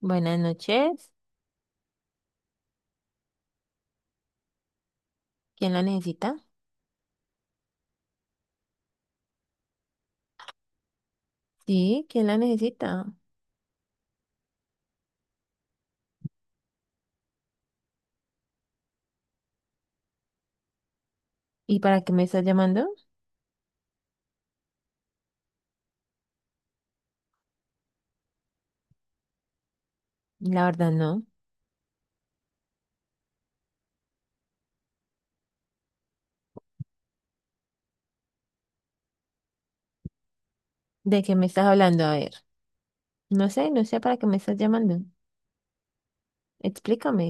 Buenas noches. ¿Quién la necesita? Sí, ¿quién la necesita? ¿Y para qué me estás llamando? La verdad no. ¿De qué me estás hablando? A ver. No sé, no sé para qué me estás llamando. Explícame.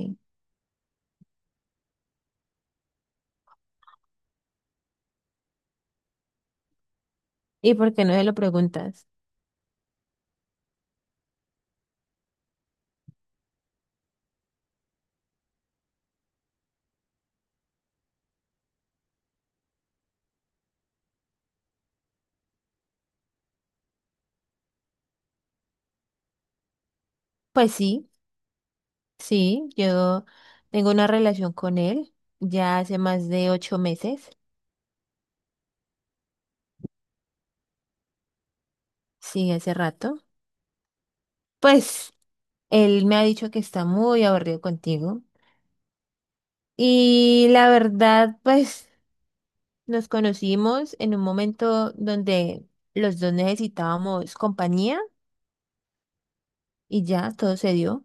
¿Y por qué no me lo preguntas? Pues sí, sí, yo tengo una relación con él ya hace más de 8 meses. Sí, hace rato. Pues él me ha dicho que está muy aburrido contigo. Y la verdad, pues... Nos conocimos en un momento donde los dos necesitábamos compañía y ya todo se dio.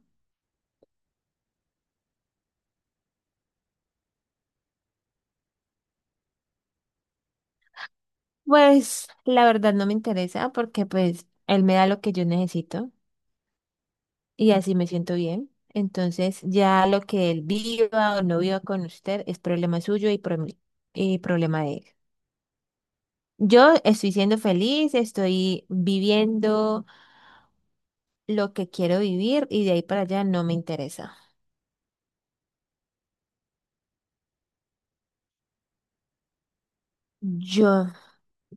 Pues la verdad no me interesa porque pues él me da lo que yo necesito y así me siento bien. Entonces ya lo que él viva o no viva con usted es problema suyo y, y problema de él. Yo estoy siendo feliz, estoy viviendo lo que quiero vivir y de ahí para allá no me interesa. Yo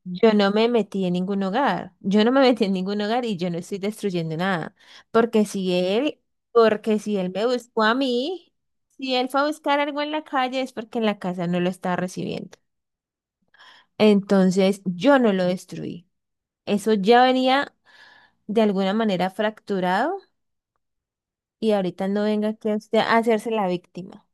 Yo no me metí en ningún hogar, yo no me metí en ningún hogar y yo no estoy destruyendo nada, porque si él, porque si él me buscó a mí, si él fue a buscar algo en la calle es porque en la casa no lo estaba recibiendo. Entonces yo no lo destruí. Eso ya venía de alguna manera fracturado y ahorita no venga aquí a usted a hacerse la víctima.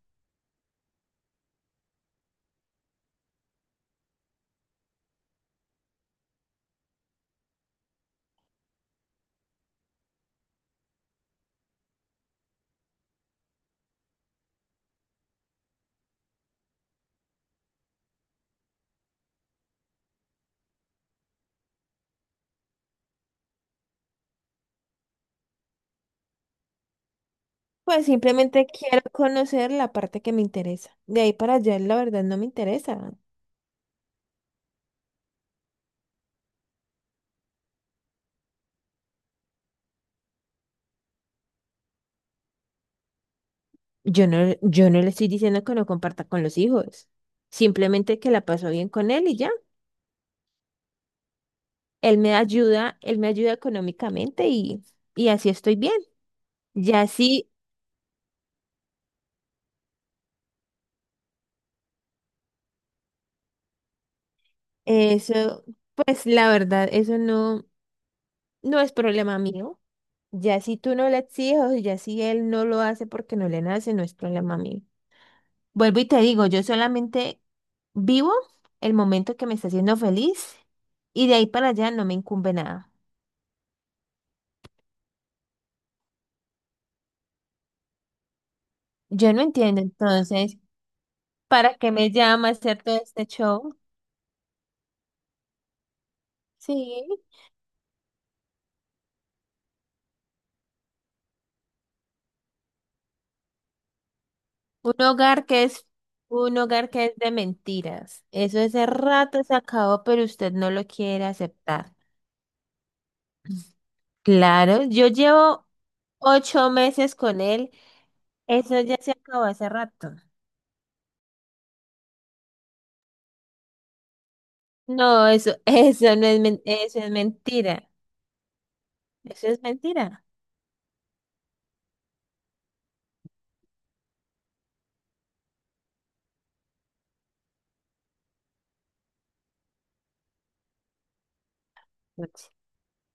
Pues simplemente quiero conocer la parte que me interesa. De ahí para allá, la verdad, no me interesa. Yo no, yo no le estoy diciendo que no comparta con los hijos, simplemente que la pasó bien con él y ya. Él me ayuda económicamente y así estoy bien. Ya sí, eso, pues la verdad, eso no, no es problema mío. Ya si tú no le exiges, ya si él no lo hace porque no le nace, no es problema mío. Vuelvo y te digo, yo solamente vivo el momento que me está haciendo feliz y de ahí para allá no me incumbe nada. Yo no entiendo entonces. ¿Para qué me llama hacer todo este show? Sí, un hogar que es un hogar que es de mentiras. Eso ese rato se acabó, pero usted no lo quiere aceptar. Claro, yo llevo 8 meses con él. Eso ya se acabó hace rato. No, eso, eso no es, eso es mentira. Eso es mentira.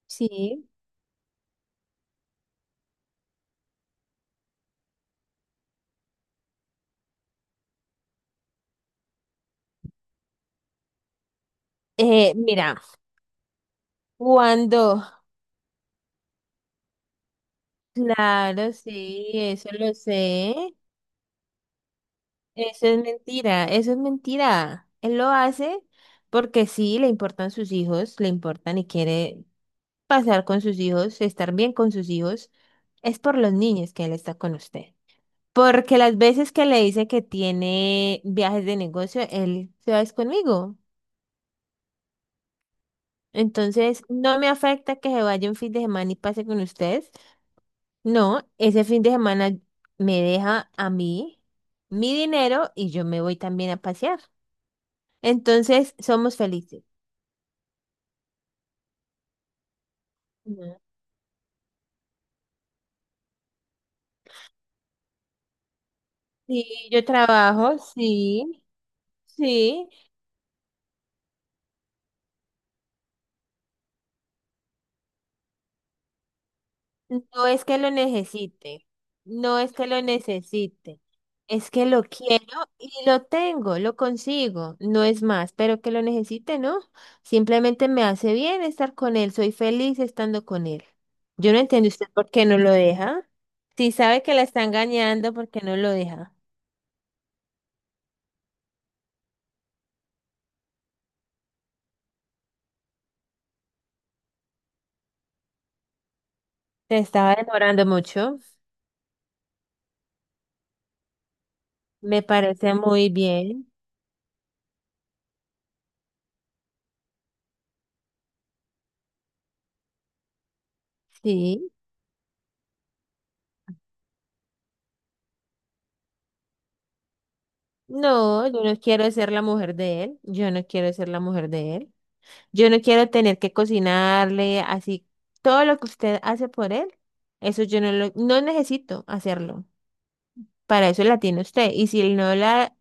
Sí. Mira, cuando, claro, sí, eso lo sé. Eso es mentira, eso es mentira. Él lo hace porque sí, le importan sus hijos, le importan y quiere pasar con sus hijos, estar bien con sus hijos. Es por los niños que él está con usted. Porque las veces que le dice que tiene viajes de negocio, él se va es conmigo. Entonces, no me afecta que se vaya un fin de semana y pase con ustedes. No, ese fin de semana me deja a mí mi dinero y yo me voy también a pasear. Entonces, somos felices. Ujú. Sí, yo trabajo, sí, sí. No es que lo necesite, no es que lo necesite. Es que lo quiero y lo tengo, lo consigo. No es más, pero que lo necesite, ¿no? Simplemente me hace bien estar con él. Soy feliz estando con él. Yo no entiendo usted por qué no lo deja. Si sabe que la está engañando, ¿por qué no lo deja? Te estaba demorando mucho. Me parece muy bien, sí. No, yo no quiero ser la mujer de él. Yo no quiero ser la mujer de él. Yo no quiero tener que cocinarle así. Todo lo que usted hace por él, eso yo no lo, no necesito hacerlo. Para eso la tiene usted.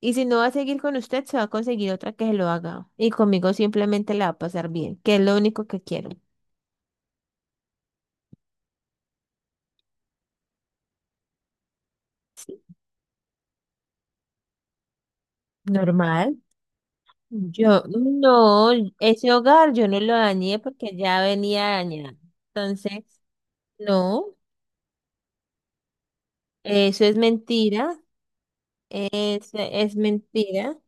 Y si no va a seguir con usted, se va a conseguir otra que se lo haga. Y conmigo simplemente la va a pasar bien, que es lo único que quiero. Normal. Yo, no, ese hogar yo no lo dañé porque ya venía dañado. Entonces, no, eso es mentira. Es mentira.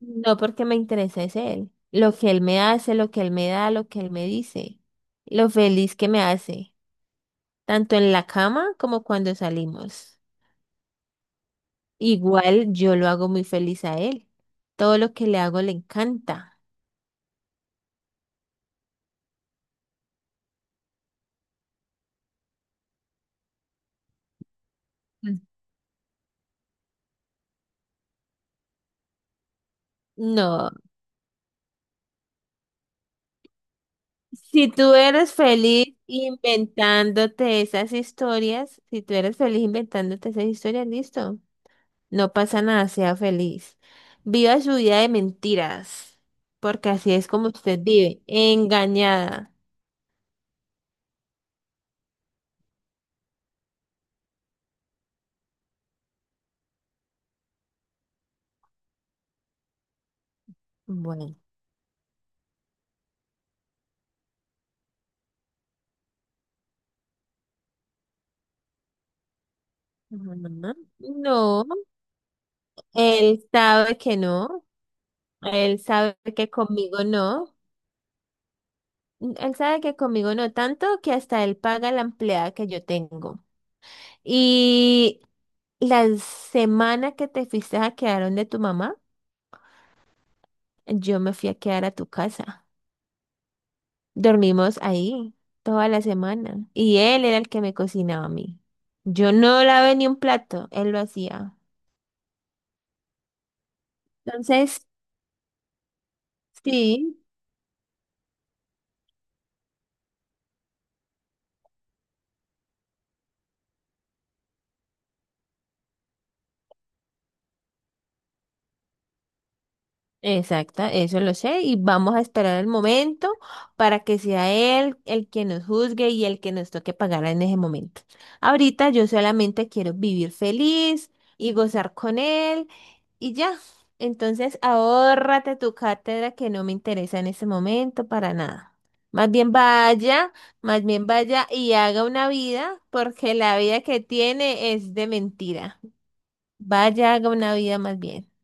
No porque me interesa es él. Lo que él me hace, lo que él me da, lo que él me dice. Lo feliz que me hace. Tanto en la cama como cuando salimos. Igual yo lo hago muy feliz a él. Todo lo que le hago le encanta. Mm. No, si tú eres feliz inventándote esas historias, si tú eres feliz inventándote esas historias, listo. No pasa nada, sea feliz. Viva su vida de mentiras, porque así es como usted vive, engañada. Bueno, ujú. No, él sabe que no, él sabe que conmigo no, él sabe que conmigo no, tanto que hasta él paga la empleada que yo tengo. Y la semana que te fuiste a quedar donde tu mamá, yo me fui a quedar a tu casa. Dormimos ahí toda la semana y él era el que me cocinaba a mí. Yo no lavé ni un plato, él lo hacía. Entonces, sí. Exacta, eso lo sé y vamos a esperar el momento para que sea él el que nos juzgue y el que nos toque pagar en ese momento. Ahorita yo solamente quiero vivir feliz y gozar con él y ya. Entonces ahórrate tu cátedra que no me interesa en ese momento para nada. Más bien vaya, más bien vaya y haga una vida porque la vida que tiene es de mentira. Vaya, haga una vida más bien.